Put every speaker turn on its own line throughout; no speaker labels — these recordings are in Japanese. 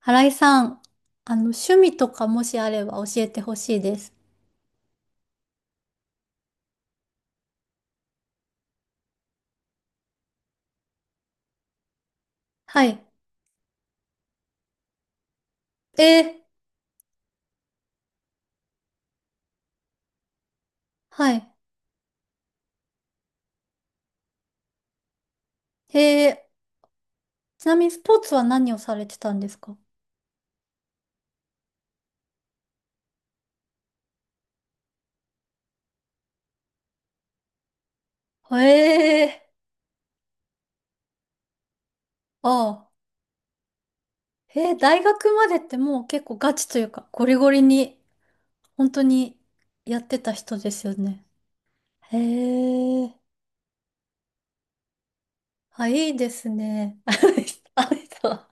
新井さん、趣味とかもしあれば教えてほしいです。はい。えー、はい。えー、ちなみにスポーツは何をされてたんですか？えああ。大学までってもう結構ガチというか、ゴリゴリに、本当にやってた人ですよね。へえー、あ、いいですね。あの人。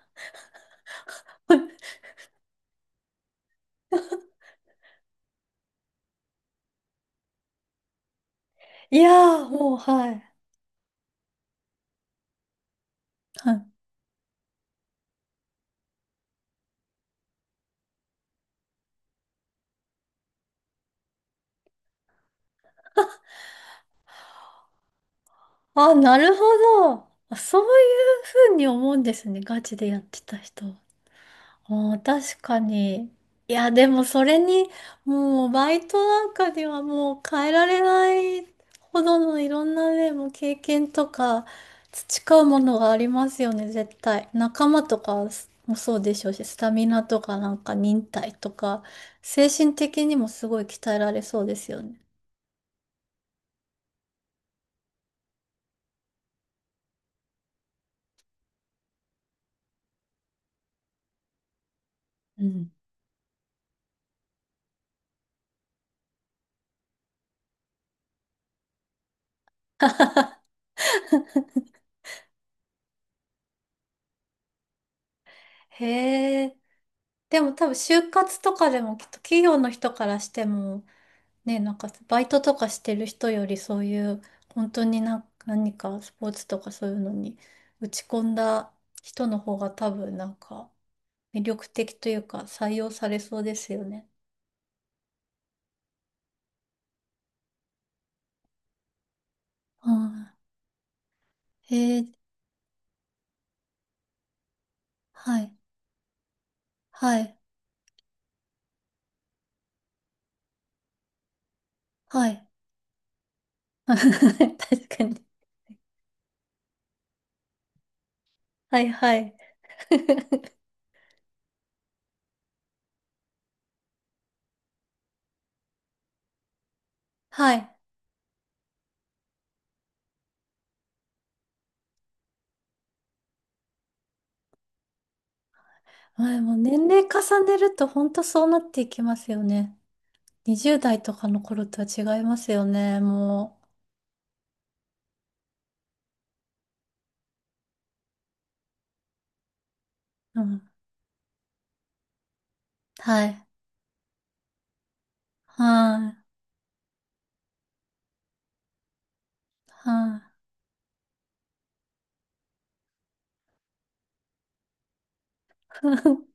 いやー、もう、はい。はい。あ、なるほど。あ、そういうふうに思うんですね。ガチでやってた人は。あー、確かに。いや、でもそれに、もうバイトなんかではもう変えられないほどのいろんなね、もう経験とか培うものがありますよね、絶対。仲間とかもそうでしょうし、スタミナとかなんか忍耐とか、精神的にもすごい鍛えられそうですよね。うん。へえ。でも多分就活とかでもきっと企業の人からしても、ね、なんかバイトとかしてる人よりそういう本当に何かスポーツとかそういうのに打ち込んだ人の方が多分なんか魅力的というか採用されそうですよね。うん。へえ、はい、はい、はい。確かに。はい、はい。はい。はい。もう年齢重ねると本当そうなっていきますよね。20代とかの頃とは違いますよね、もう。うん。はい。はい。はい。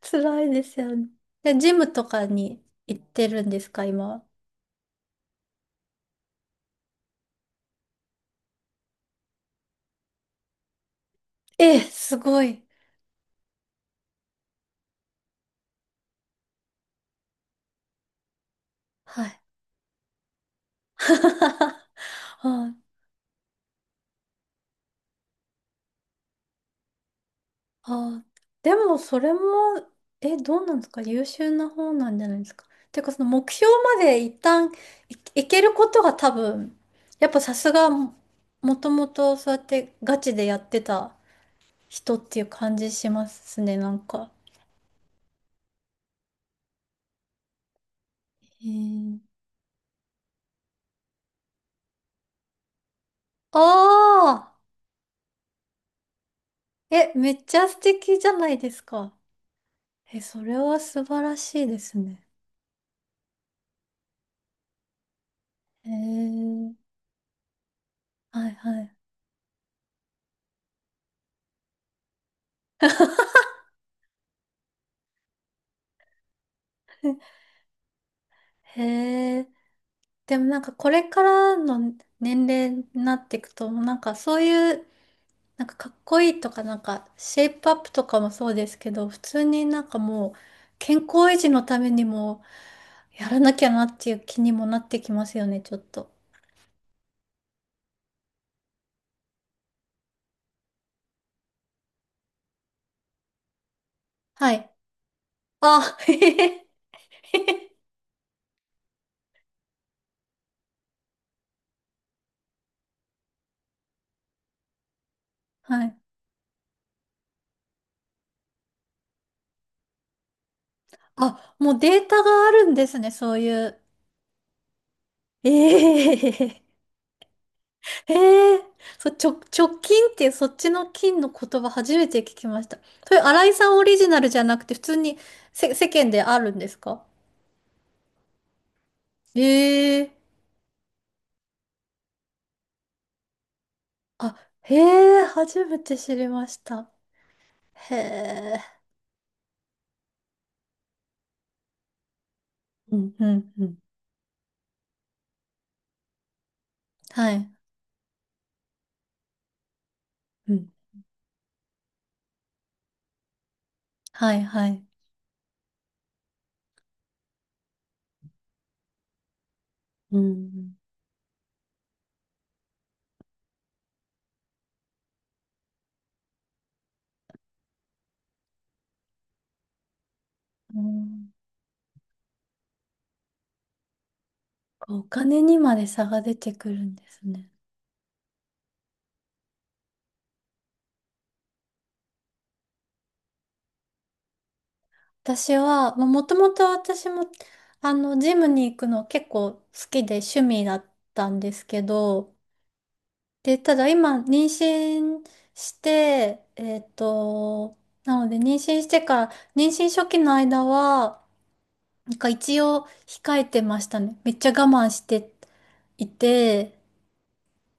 辛いですよね。で、ジムとかに行ってるんですか、今は。ええ、すごい。はい。はい。あ、でも、それも、え、どうなんですか？優秀な方なんじゃないですか。ていうか、その目標まで一旦い、いけることが多分、やっぱさすが、もともとそうやってガチでやってた人っていう感じしますね、なんか。へー。ああ、え、めっちゃ素敵じゃないですか。え、それは素晴らしいですね。へえ、はいはい。へえ、でもなんかこれからの年齢になっていくと、なんかそういう、なんかかっこいいとか、なんかシェイプアップとかもそうですけど、普通になんかもう健康維持のためにもやらなきゃなっていう気にもなってきますよね、ちょっと。はい。あ、へへへへ。はい。あ、もうデータがあるんですね、そういう。ええええ。直近っていうそっちの金の言葉初めて聞きました。それ、新井さんオリジナルじゃなくて、普通に世間であるんですか？ええ。あ、へえ、初めて知りました。へえ。うん、うん、うん。はい。うん。はい、はい。うん。うん。お金にまで差が出てくるんですね。私は、まあもともと私も、ジムに行くの結構好きで趣味だったんですけど、で、ただ今、妊娠して、なので妊娠してから、妊娠初期の間は、なんか一応控えてましたね。めっちゃ我慢していて、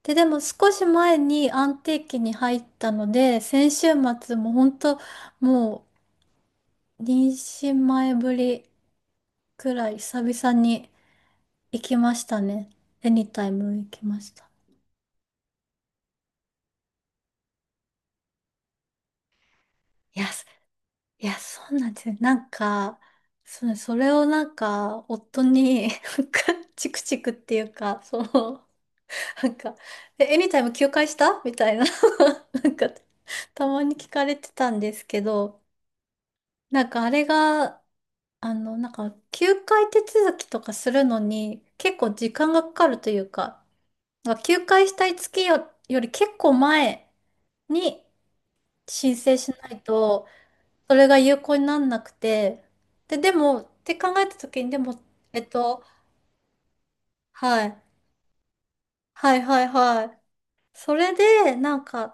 でも少し前に安定期に入ったので、先週末も本当もう妊娠前ぶりくらい久々に行きましたね。エニタイム行きました。いや、そいや、そうなんですよ。なんか、それをなんか、夫に、なんか、チクチクっていうか、その、なんか、エニタイム休会したみたいな、なんか、たまに聞かれてたんですけど、なんかあれが、なんか、休会手続きとかするのに、結構時間がかかるというか、なんか休会したいより結構前に、申請しないと、それが有効になんなくて、でも、って考えたときに、でも、えっと、はい、はいはいはい。それで、なんか、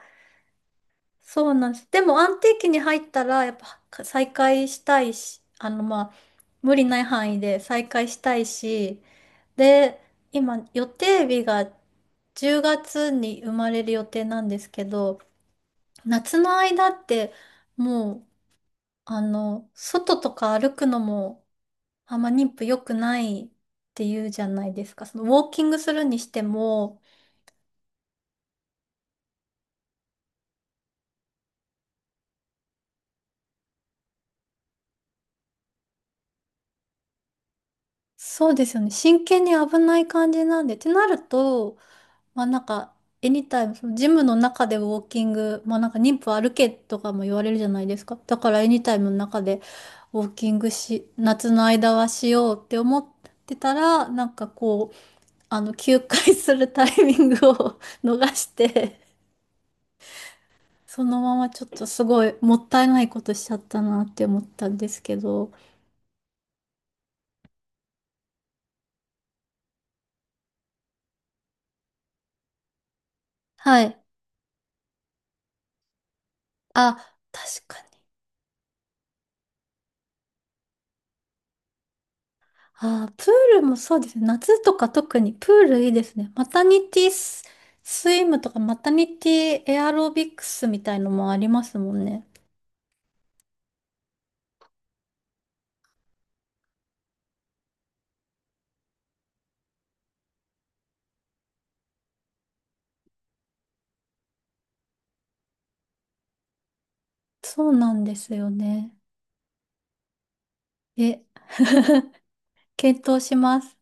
そうなんです。でも、安定期に入ったら、やっぱ、再開したいし、まあ、無理ない範囲で再開したいし、で、今、予定日が10月に生まれる予定なんですけど、夏の間って、もう、外とか歩くのも、あんま妊婦良くないって言うじゃないですか。そのウォーキングするにしても、そうですよね。真剣に危ない感じなんで。ってなると、まあなんか、エニタイム、そのジムの中でウォーキング、まあなんか妊婦歩けとかも言われるじゃないですか。だからエニタイムの中でウォーキングし、夏の間はしようって思ってたら、なんかこう、休会するタイミングを 逃してそのままちょっとすごいもったいないことしちゃったなって思ったんですけど。はい。あ、確かに。あー、プールもそうですね。夏とか特にプールいいですね。マタニティス、スイムとかマタニティエアロビクスみたいのもありますもんね。そうなんですよね。え、検討します。